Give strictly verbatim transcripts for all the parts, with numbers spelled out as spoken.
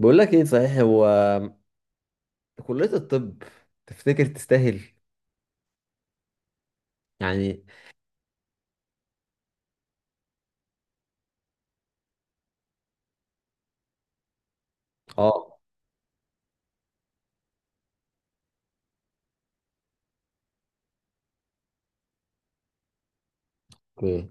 بقول لك ايه صحيح، هو كلية الطب تفتكر تستاهل يعني؟ اه. اوكي،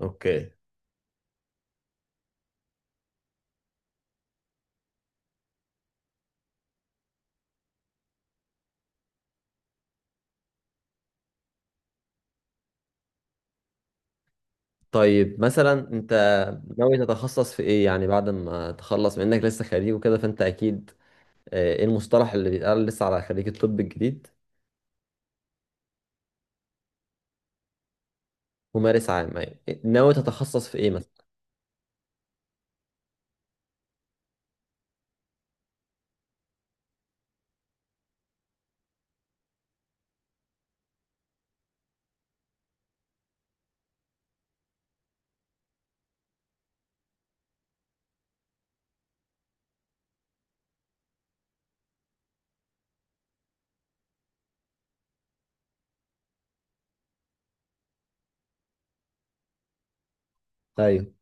اوكي. طيب مثلا انت ناوي تتخصص في ايه يعني بعد ما تخلص منك لسه خريج وكده، فانت اكيد آه، ايه المصطلح اللي بيتقال لسه على خريج الطب الجديد؟ ممارس عام، يعني ناوي تتخصص في ايه مثلا؟ ايوه.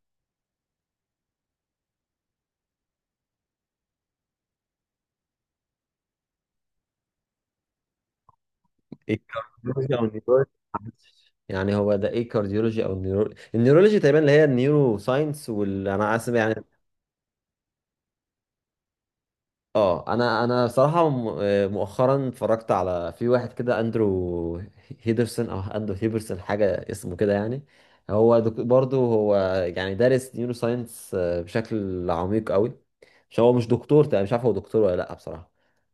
ايه كارديولوجي او نيورولوجي؟ يعني هو ده ايه كارديولوجي او نيورولوجي؟ النيورولوجي تقريبا اللي هي النيورو ساينس، واللي انا عارف يعني. اه. انا انا صراحه م- آه، مؤخرا اتفرجت على في واحد كده، اندرو هيدرسون او اندرو هيبرسون، حاجه اسمه كده يعني. هو دك- برضو هو يعني دارس نيورو ساينس بشكل عميق قوي. مش هو مش دكتور تقريبا، مش عارف هو دكتور ولا لا بصراحه.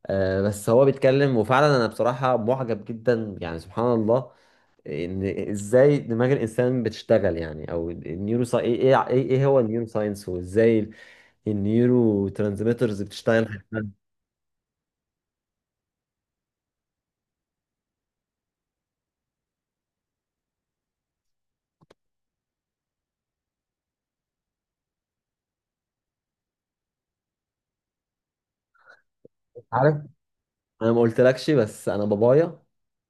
آه، بس هو بيتكلم، وفعلا انا بصراحه معجب جدا يعني، سبحان الله ان ازاي دماغ الانسان بتشتغل يعني، او النيورو ساي... ايه ايه ايه هو النيورو ساينس، وازاي النيورو ترانسميترز بتشتغل. عارف؟ انا ما قلتلكش، بس انا بابايا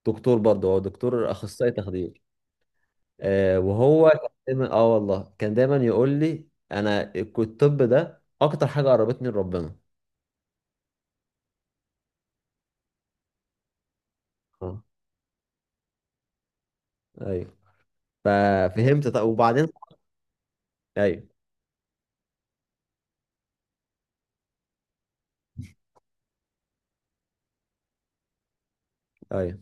دكتور برضه، هو دكتور اخصائي تخدير. آه وهو كان دايما، اه والله كان دايما يقول لي انا: الك- الطب ده اكتر حاجه قربتني لربنا. اه. ايوه. ففهمت طب، وبعدين؟ ايوه، ايوه.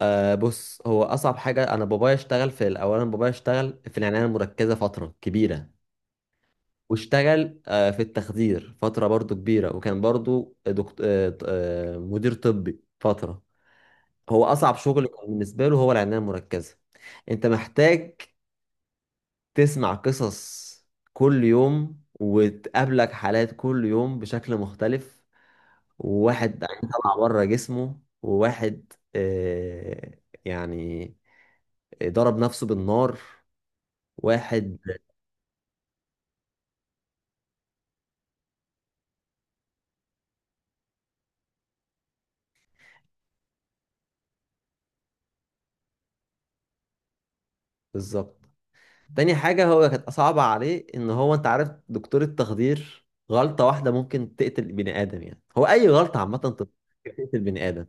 آه بص، هو اصعب حاجه، انا بابايا اشتغل في... اولا بابايا اشتغل في العنايه المركزه فتره كبيره. واشتغل آه في التخدير فتره برضه كبيره، وكان برضه دكتور آه ط- آه، مدير طبي فتره. هو اصعب شغل كان بالنسبه له هو العنايه المركزه. انت محتاج تسمع قصص كل يوم، وتقابلك حالات كل يوم بشكل مختلف. وواحد عين طلع بره جسمه، وواحد آه يعني ضرب نفسه بالنار، واحد... بالظبط. تاني حاجة هو كانت صعبة عليه، ان هو انت عارف دكتور التخدير، غلطة واحدة ممكن تقتل بني ادم. يعني هو اي غلطة عامة طب- تقتل بني ادم.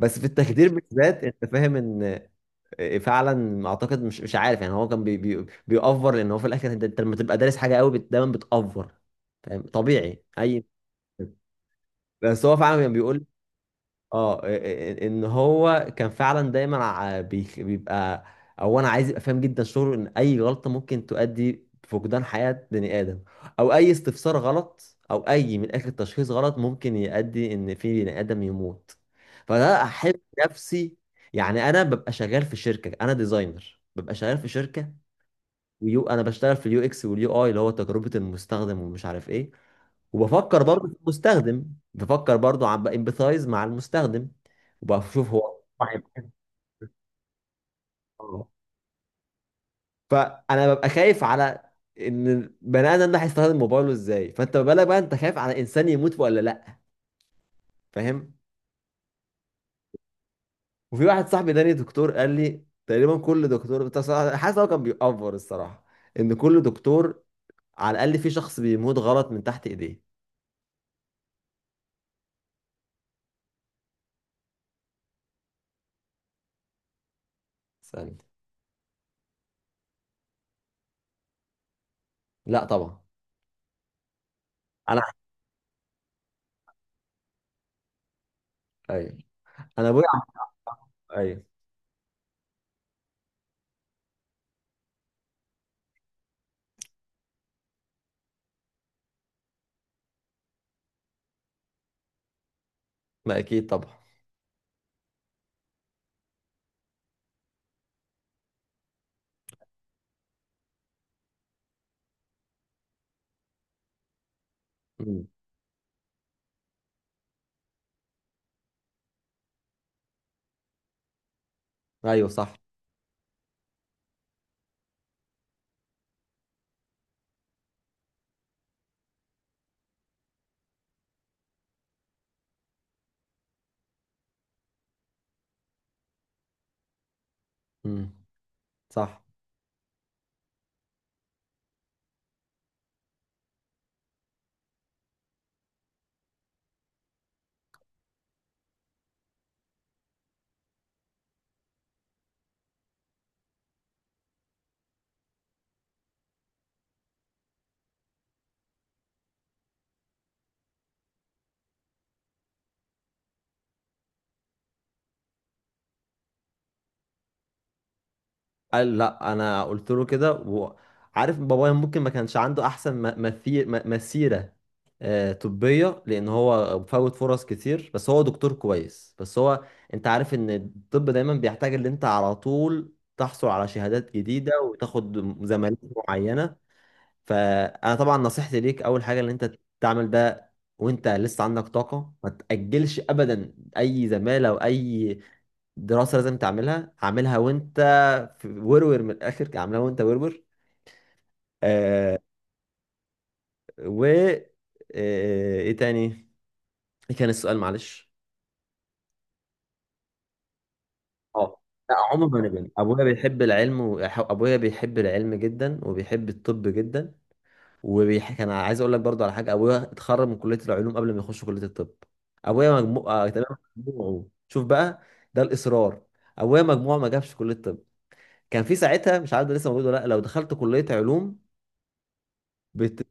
بس في التخدير بالذات، انت فاهم ان... آه، فعلا اعتقد، مش مش عارف يعني، هو كان بي بي بيأفور، لان هو في الاخر، انت أنت لما تبقى دارس حاجة قوي بت- دايما بتأفور، فاهم؟ طبيعي اي. بس هو فعلا كان بيقول، اه إيه- ان هو كان فعلا دايما ع- بيخ- بيبقى، او انا عايز يبقى فاهم جدا شعور ان اي غلطه ممكن تؤدي بفقدان حياه بني ادم، او اي استفسار غلط، او اي من اخر تشخيص غلط ممكن يؤدي ان في بني ادم يموت. فده احب نفسي. يعني انا ببقى شغال في شركه، انا ديزاينر، ببقى شغال في شركه. ويو انا بشتغل في اليو اكس واليو اي، اللي هو تجربه المستخدم ومش عارف ايه. وبفكر برضه في المستخدم. بفكر برضه، عم بامبثايز مع المستخدم. وبشوف هو صاحب إيه. آه. فانا ببقى خايف على ان البني ادم ده هيستخدم موبايله ازاي، فانت ما بالك بقى انت خايف على انسان يموت ولا لا؟ فاهم. وفي واحد صاحبي تاني دكتور قال لي تقريبا كل دكتور بتاع صراحة- حاسس، هو كان بيأفور الصراحه، ان كل دكتور على الاقل في شخص بيموت غلط من تحت ايديه. ثانية. لا طبعا. انا ايوه. انا ابويا... ايوه. ما اكيد طبعا. مم. ايوه، صح. مم. صح. قال لا، انا قلت له كده. وعارف بابايا ممكن ما كانش عنده احسن م- مثي- م- مسيره آه، طبيه، لان هو فوت فرص كتير، بس هو دكتور كويس. بس هو، انت عارف ان الطب دايما بيحتاج ان انت على طول تحصل على شهادات جديده وتاخد زمالات معينه. فانا طبعا نصيحتي ليك اول حاجه ان انت تعمل ده وانت لسه عندك طاقه. ما تاجلش ابدا اي زماله واي دراسه لازم تعملها، اعملها وانت في ورور. من الاخر، اعملها وانت ورور. آه و آه ايه تاني؟ ايه كان السؤال معلش؟ اه. لا، عمر ما ندم ابويا، بيحب العلم. وابويا بيحب العلم جدا، وبيحب الطب جدا. وبيح... كان عايز اقول لك برضو على حاجه، ابويا اتخرج من كليه العلوم قبل ما يخش كليه الطب. ابويا مجموع آه تمام، مجموعه، شوف بقى. ده الاصرار. ابويا مجموعه ما جابش كليه الطب. كان في ساعتها، مش عارف ده لسه موجود ولا لا، لو دخلت كليه علوم بت...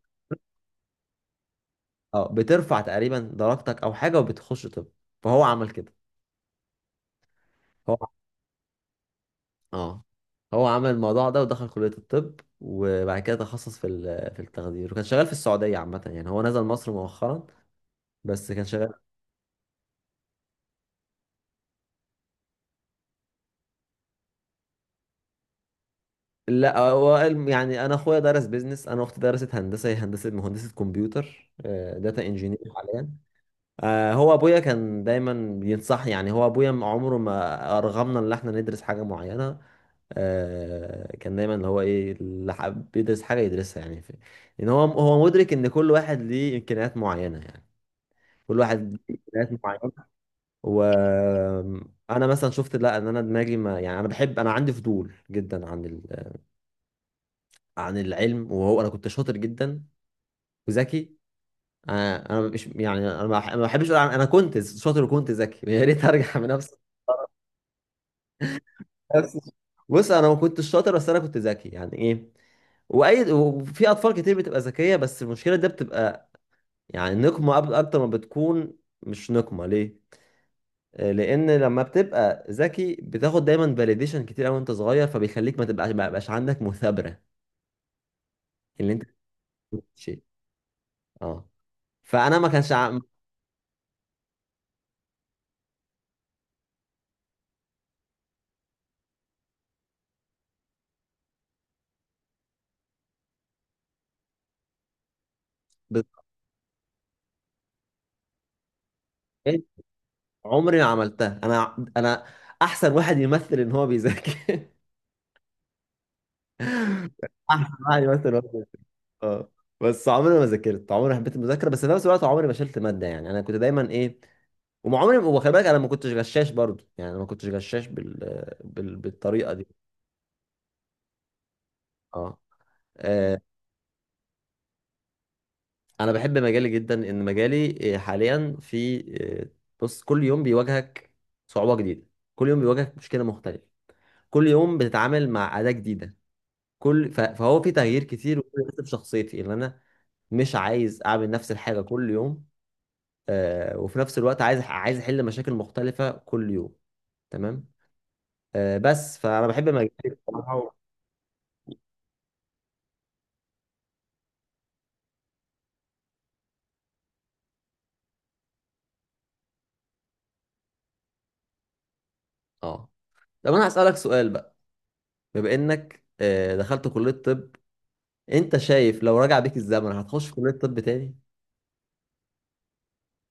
اه بترفع تقريبا درجتك او حاجه، وبتخش طب. فهو عمل كده. هو اه هو عمل الموضوع ده، ودخل كليه الطب، وبعد كده تخصص في ال- في التخدير، وكان شغال في السعوديه عامه. يعني هو نزل مصر مؤخرا، بس كان شغال. لا هو الم- يعني انا اخويا درس بيزنس، انا اختي درست هندسه، هي هندسه مهندسه كمبيوتر، داتا انجينير حاليا. آه، هو ابويا كان دايما بينصح. يعني هو ابويا م- عمره ما ارغمنا ان احنا ندرس حاجه معينه. آه، كان دايما اللي هو ايه، اللي حابب يدرس حاجه يدرسها يعني، في ان هو هو مدرك ان كل واحد ليه امكانيات معينه يعني. كل واحد ليه امكانيات معينه. وانا مثلا شفت، لا ان انا دماغي ما... يعني انا بحب، انا عندي فضول جدا عن عن العلم. وهو انا كنت شاطر جدا وذكي. انا انا مش، يعني انا ما بح- ما بحبش اقول عن- انا كنت شاطر وكنت ذكي يا ريت ارجع بنفس نفس- بص انا ما كنتش شاطر، بس انا كنت ذكي، يعني ايه؟ واي وفي اطفال كتير بتبقى ذكيه، بس المشكله ده بتبقى يعني نقمه أب- اكتر ما بتكون. مش نقمه، ليه؟ آه، لان لما بتبقى ذكي بتاخد دايما فاليديشن كتير قوي وانت صغير، فبيخليك ما تبقاش ما يبقاش عندك مثابره اللي انت... شيء. اه. فانا ما كانش عم... عمري ما عملتها، انا انا احسن واحد يمثل ان هو بيذاكر احسن واحد يمثل ان هو بيذاكر. اه. بس عمري ما ذاكرت، عمري ما حبيت المذاكره، بس في نفس الوقت عمري ما شلت ماده. يعني انا كنت دايما ايه. وما عمري وخلي بالك انا ما كنتش غشاش برضو، يعني أنا ما كنتش غشاش بال... بال... بالطريقه دي. اه. آه، انا بحب مجالي جدا. ان مجالي آه، حاليا في آه، بص، كل يوم بيواجهك صعوبه جديده. كل يوم بيواجهك مشكله مختلفه. كل يوم بتتعامل مع اداه جديده. كل ف- فهو في تغيير كتير، وكل ده في شخصيتي اللي انا مش عايز اعمل نفس الحاجه كل يوم. آه وفي نفس الوقت عايز، عايز احل مشاكل مختلفه كل يوم، تمام. آه بس فانا بحب مجالي بصراحه و- اه. طب انا هسالك سؤال بقى، بما انك آه دخلت كليه طب، انت شايف لو رجع بيك الزمن هتخش كليه طب تاني؟